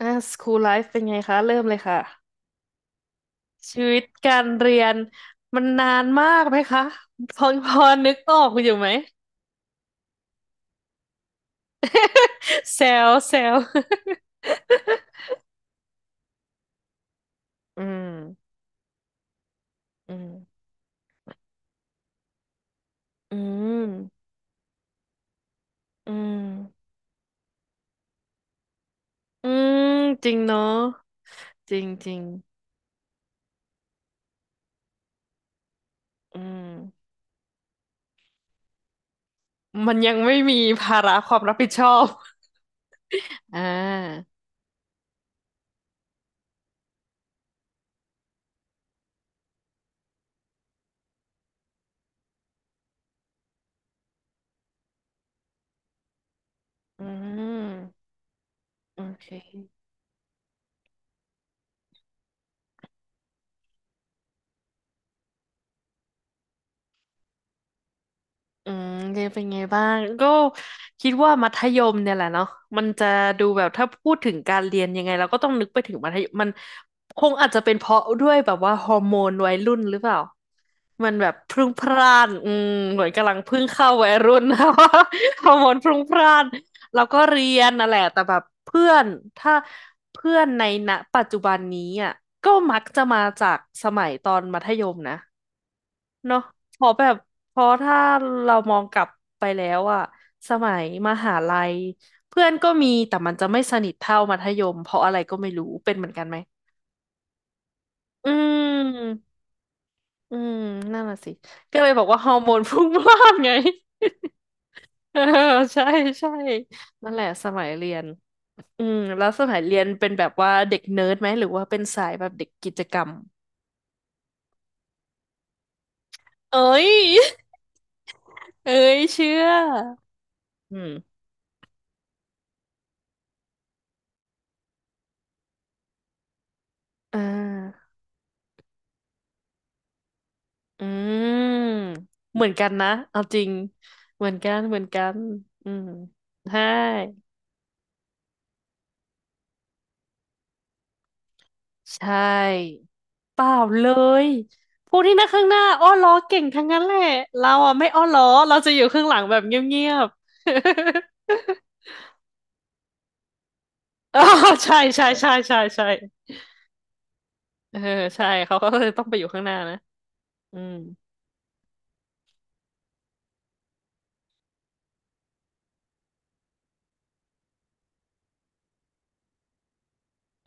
อ่าสคูลไลฟ์เป็นไงคะเริ่มเลยค่ะชีวิตการเรียนมันนานมากไหมคะพอนึกออกอยู่ไหม แซวแซวอืมอืมอืมอืมอืมจริงเนาะจริงจริงอืมมันยังไม่มีภาระความรับผิดชอบอ่าอืมโอเค อืมเรียนเป็นไงบ้างก็คิดว่ามัธยมเนี่ยแหละเนาะมันจะดูแบบถ้าพูดถึงการเรียนยังไงเราก็ต้องนึกไปถึงมัธยมมันคงอาจจะเป็นเพราะด้วยแบบว่าฮอร์โมนวัยรุ่นหรือเปล่ามันแบบพรุ่งพล่านอืมเหมือนกำลังเพิ่งเข้าวัยรุ่น นะว่าฮอร์โมนพรุ่งพล่าน เราก็เรียนน่ะแหละแต่แบบเพื่อนถ้าเพื่อนในณปัจจุบันนี้อ่ะก็มักจะมาจากสมัยตอนมัธยมนะเนาะพอแบบพอถ้าเรามองกลับไปแล้วอะสมัยมหาลัยเพื่อนก็มีแต่มันจะไม่สนิทเท่ามัธยมเพราะอะไรก็ไม่รู้เป็นเหมือนกันไหมอืมอืมนั่นน่ะสิก็เลยบอกว่าฮอร์โมนพรุ่งพล่านไง เออใช่ใช่นั่นแหละสมัยเรียน อืมแล้วสมัยเรียนเป็นแบบว่าเด็กเนิร์ดไหมหรือว่าเป็นสายแบบเด็กกิจกรรมเอ้ย เอ้ยเชื่ออืมอ่าอืมเหมือนกันนะเอาจริงเหมือนกันเหมือนกันอืมใช่ใช่เปล่าเลยพวกที่นั่งข้างหน้าอ้อล้อเก่งทั้งนั้นแหละเราอ่ะไม่อ้อล้อเราจะอยู่ข้างหลังแบบเงียบๆ อ๋อใช่ใช่ใช่ใช่ใช่เออใช่เขาก็เลยต้องไปอยู่ข้างหน้านะ อืม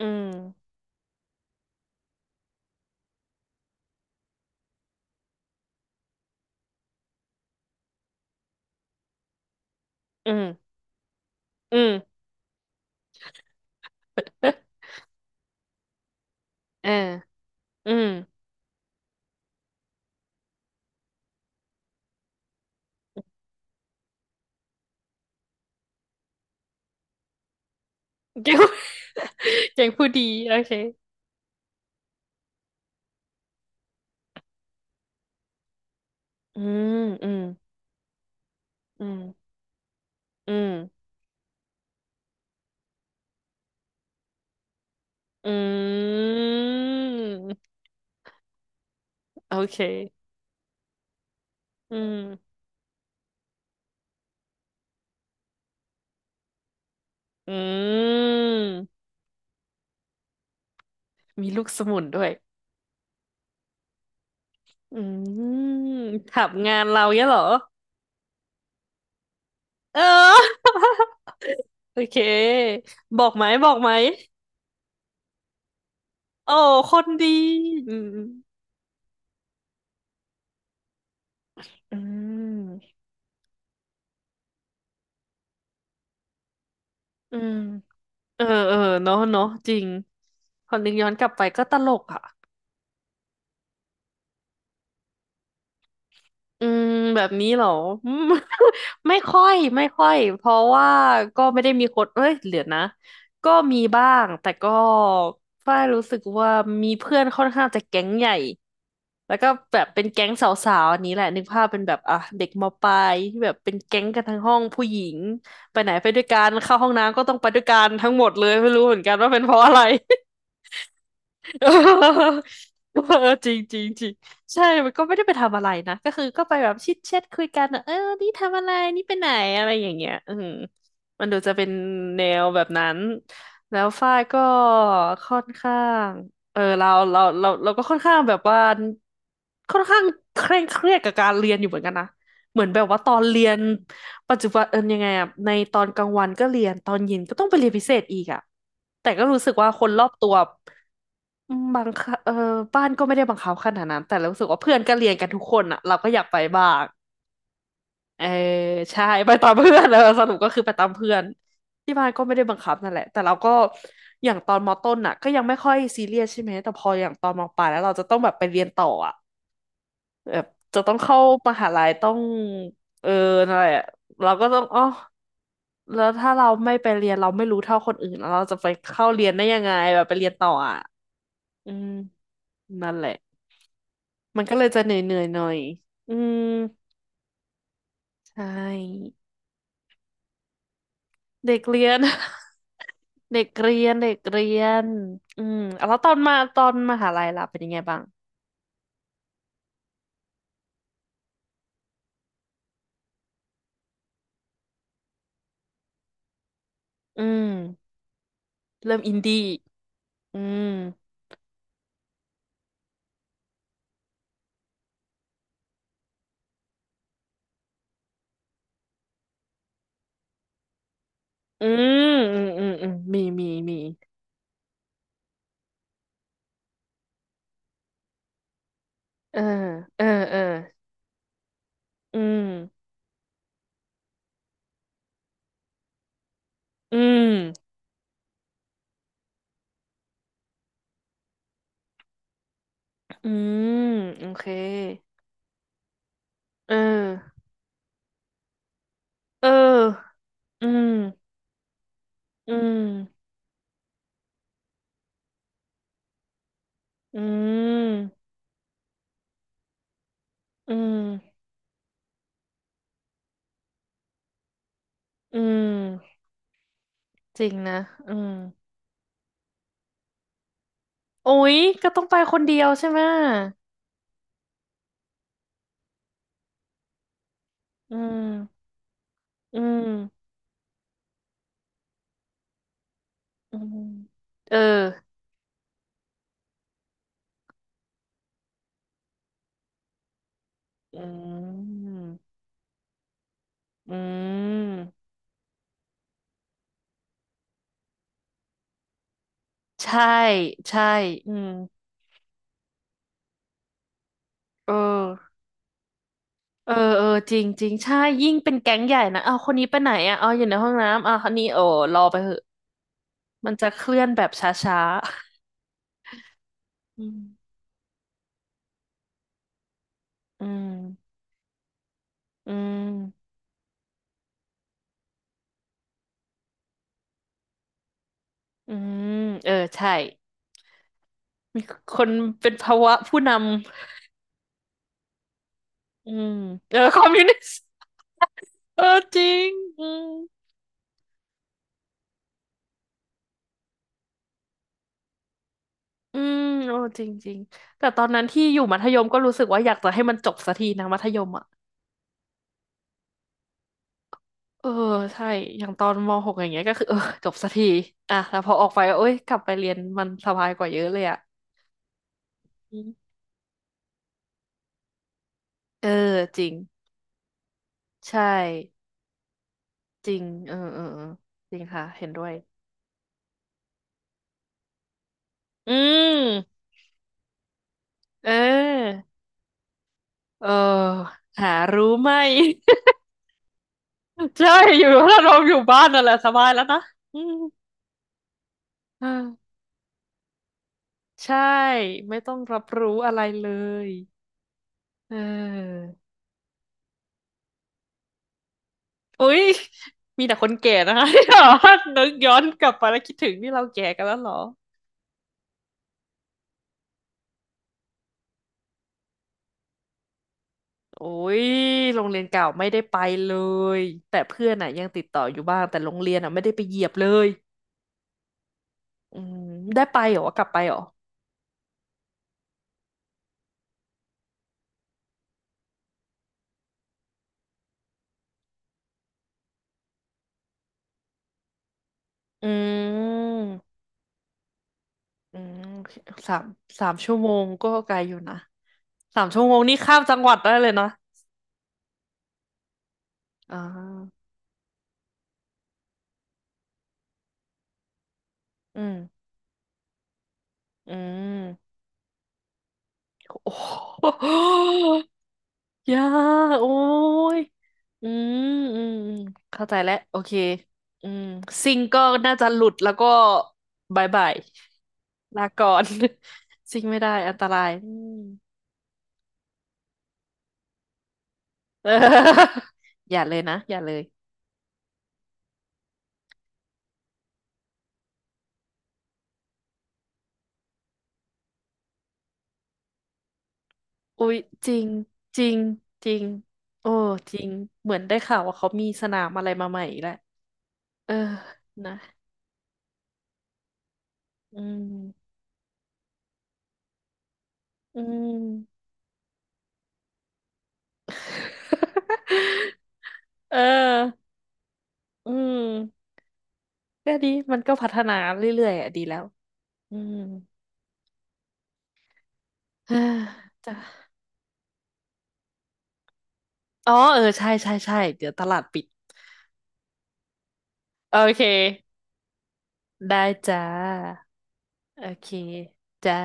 อืมอืมอืมเอออืมเก่ง เก่งผู้ดีโอเคอืมอืมอืมอืมอืมโอเคอืมอืม มีลูกสมุนด้วยอืมถับงานเราเงี้ยเหรอเออ โอเคบอกไหมบอกไหมโอ้คนดีอืมอืมอืม เออเออเนาะเนาะจริงพอนึกย้อนกลับไปก็ตลกอ่ะอืมแบบนี้เหรออืม ไม่ค่อยเพราะว่าก็ไม่ได้มีคนเอ้ยเหลือนะก็มีบ้างแต่ก็ฝ้ายรู้สึกว่ามีเพื่อนค่อนข้างจะแก๊งใหญ่ แล้วก็แบบเป็นแก๊งสาวๆอันนี้แหละนึกภาพเป็นแบบอ่ะเด็กมปลายที่แบบเป็นแก๊งกันทั้งห้องผู้หญิง ไปไหนไปด้วยกันเข้าห้องน้ำก็ต้องไปด้วยกันทั้งหมดเลยไม่รู้เหมือนกันว่าเป็นเพราะอะไร เออจริงจริงจริงใช่ มันก็ไม่ได้ไปทำอะไรนะก็คือก็ไปแบบชิดแชทคุยกันอะเออนี่ทำอะไรนี่ไปไหนอะไรอย่างเงี้ยอืมมันดูจะเป็นแนวแบบนั้นแล้วฝ้ายก็ค่อนข้างเออเราก็ค่อนข้างแบบว่าค่อนข้างเคร่งเครียดกับการเรียนอยู่เหมือนกันนะเหมือนแบบว่าตอนเรียนปัจจุบันเออยังไงอะในตอนกลางวันก็เรียนตอนเย็นก็ต้องไปเรียนพิเศษอีกอะแต่ก็รู้สึกว่าคนรอบตัว อืมบางคเออบ้านก็ไม่ได้บังคับขนาดนั้นแต่เรารู้สึกว่าเพื่อนก็เรียนกันทุกคนอ่ะเราก็อยากไปบ้างเออใช่ไปตามเพื่อนเออ สรุปก็คือไปตามเพื่อนที่บ้านก็ไม่ได้บังคับนั่นแหละแต่เราก็อย่างตอนมต้นอ่ะก็ยังไม่ค่อยซีเรียสใช่ไหมแต่พออย่างตอนมปลายแล้วเราจะต้องแบบไปเรียนต่ออ่ะแบบจะต้องเข้ามหาลัยต้องเอออะไรอ่ะเราก็ต้องอ๋อแล้วถ้าเราไม่ไปเรียนเราไม่รู้เท่าคนอื่นแล้วเราจะไปเข้าเรียนได้ยังไงแบบไปเรียนต่ออ่ะอืมนั่นแหละ มันก็เลยจะเหนื่อยๆหน่อยอืมใช่เด็กเรียน เด็กเรียนเด็กเรียนอืมแล้วตอนมหาลัยล่ะเป็นยังไงบ้างอืมเริ่มอินดี้อืมอืมอืมอืมอืมมีเออเออเอออืมอืมอืมโอเคเออเอออืมอืมอืมอืมอืมจริงนะอืม โอ้ยก็ต้องไปคนเดียวใช่ไหมอืมอืมอืมเอออืมอืมใช่ใช่อืมเออเออเออจริงจริงใช่ยิ่งเป็นแก๊งใหญ่นะเอาวคนนี้ไปไหนอ่ะเอาอยู่ในห้องน้ำอ่ะคนนี้โอ้รอไปเหอะมันจะเคลื่อนแบบช้าๆอืมอืมอืมอืมเออใช่คนเป็นภาวะผู้นำอืมเออคอมมิวนิสต์เออจริงอืม อืมโอ้จริงๆแต่ตอนนั้นที่อยู่มัธยมก็รู้สึกว่าอยากจะให้มันจบสักทีนะมัธยมอ่ะเออใช่ อย่างตอนมหกอย่างเงี้ยก็คือเออจบสักทีอ่ะแล้วพอออกไปก็เอ้ยกลับไปเรียนมันสบายกว่าเยอะเลยอ่ะอืมเออจริง ใช่จริงเออเออเออจริงค่ะเห็นด้วย อืมเออเออหารู้ไหม ใช่อยู่ถ้าเราอยู่บ้านนั่นแหละสบายแล้วนะอืมอ่าใช่ไม่ต้องรับรู้อะไรเลย เอออุ๊ยมีแต่คนแก่นะคะ ที่แบบว่านึกย้อนกลับไปแล้วคิดถึงที่เราแก่กันแล้วเหรอโอ้ยโรงเรียนเก่าไม่ได้ไปเลยแต่เพื่อนอ่ะยังติดต่ออยู่บ้างแต่โรงเรียนอ่ะไม่ได้ไปเหยียบเลยอืมได้ไปเหรอกลับไปเหรออืมอืมสามสามชั่วโมงก็ไกลอยู่นะสามชั่วโมงนี่ข้ามจังหวัดได้เลยนะอ่าอืมอืมโอ้โห ยากโอ้ยอืมอืมอืมเข้าใจแล้วโอเคอืมซิงก็น่าจะหลุดแล้วก็บายบายลาก่อน ซิงไม่ได้อันตรายอืม เออ อย่าเลยนะอย่าเลยอุ๊ยจริงจริงจริงโอ้จริงเหมือนได้ข่าวว่าเขามีสนามอะไรมาใหม่อีกแล้วเออนะอืมอืม เอออืม ก็ดี มันก็พัฒนาเรื่อยๆอ่ะดีแล้วอืม อ่าจ้ะอ๋อ เออ ใช่ใช่ใช่เดี๋ยวตลาดปิด โอเค ได้จ้าโอเค จ้า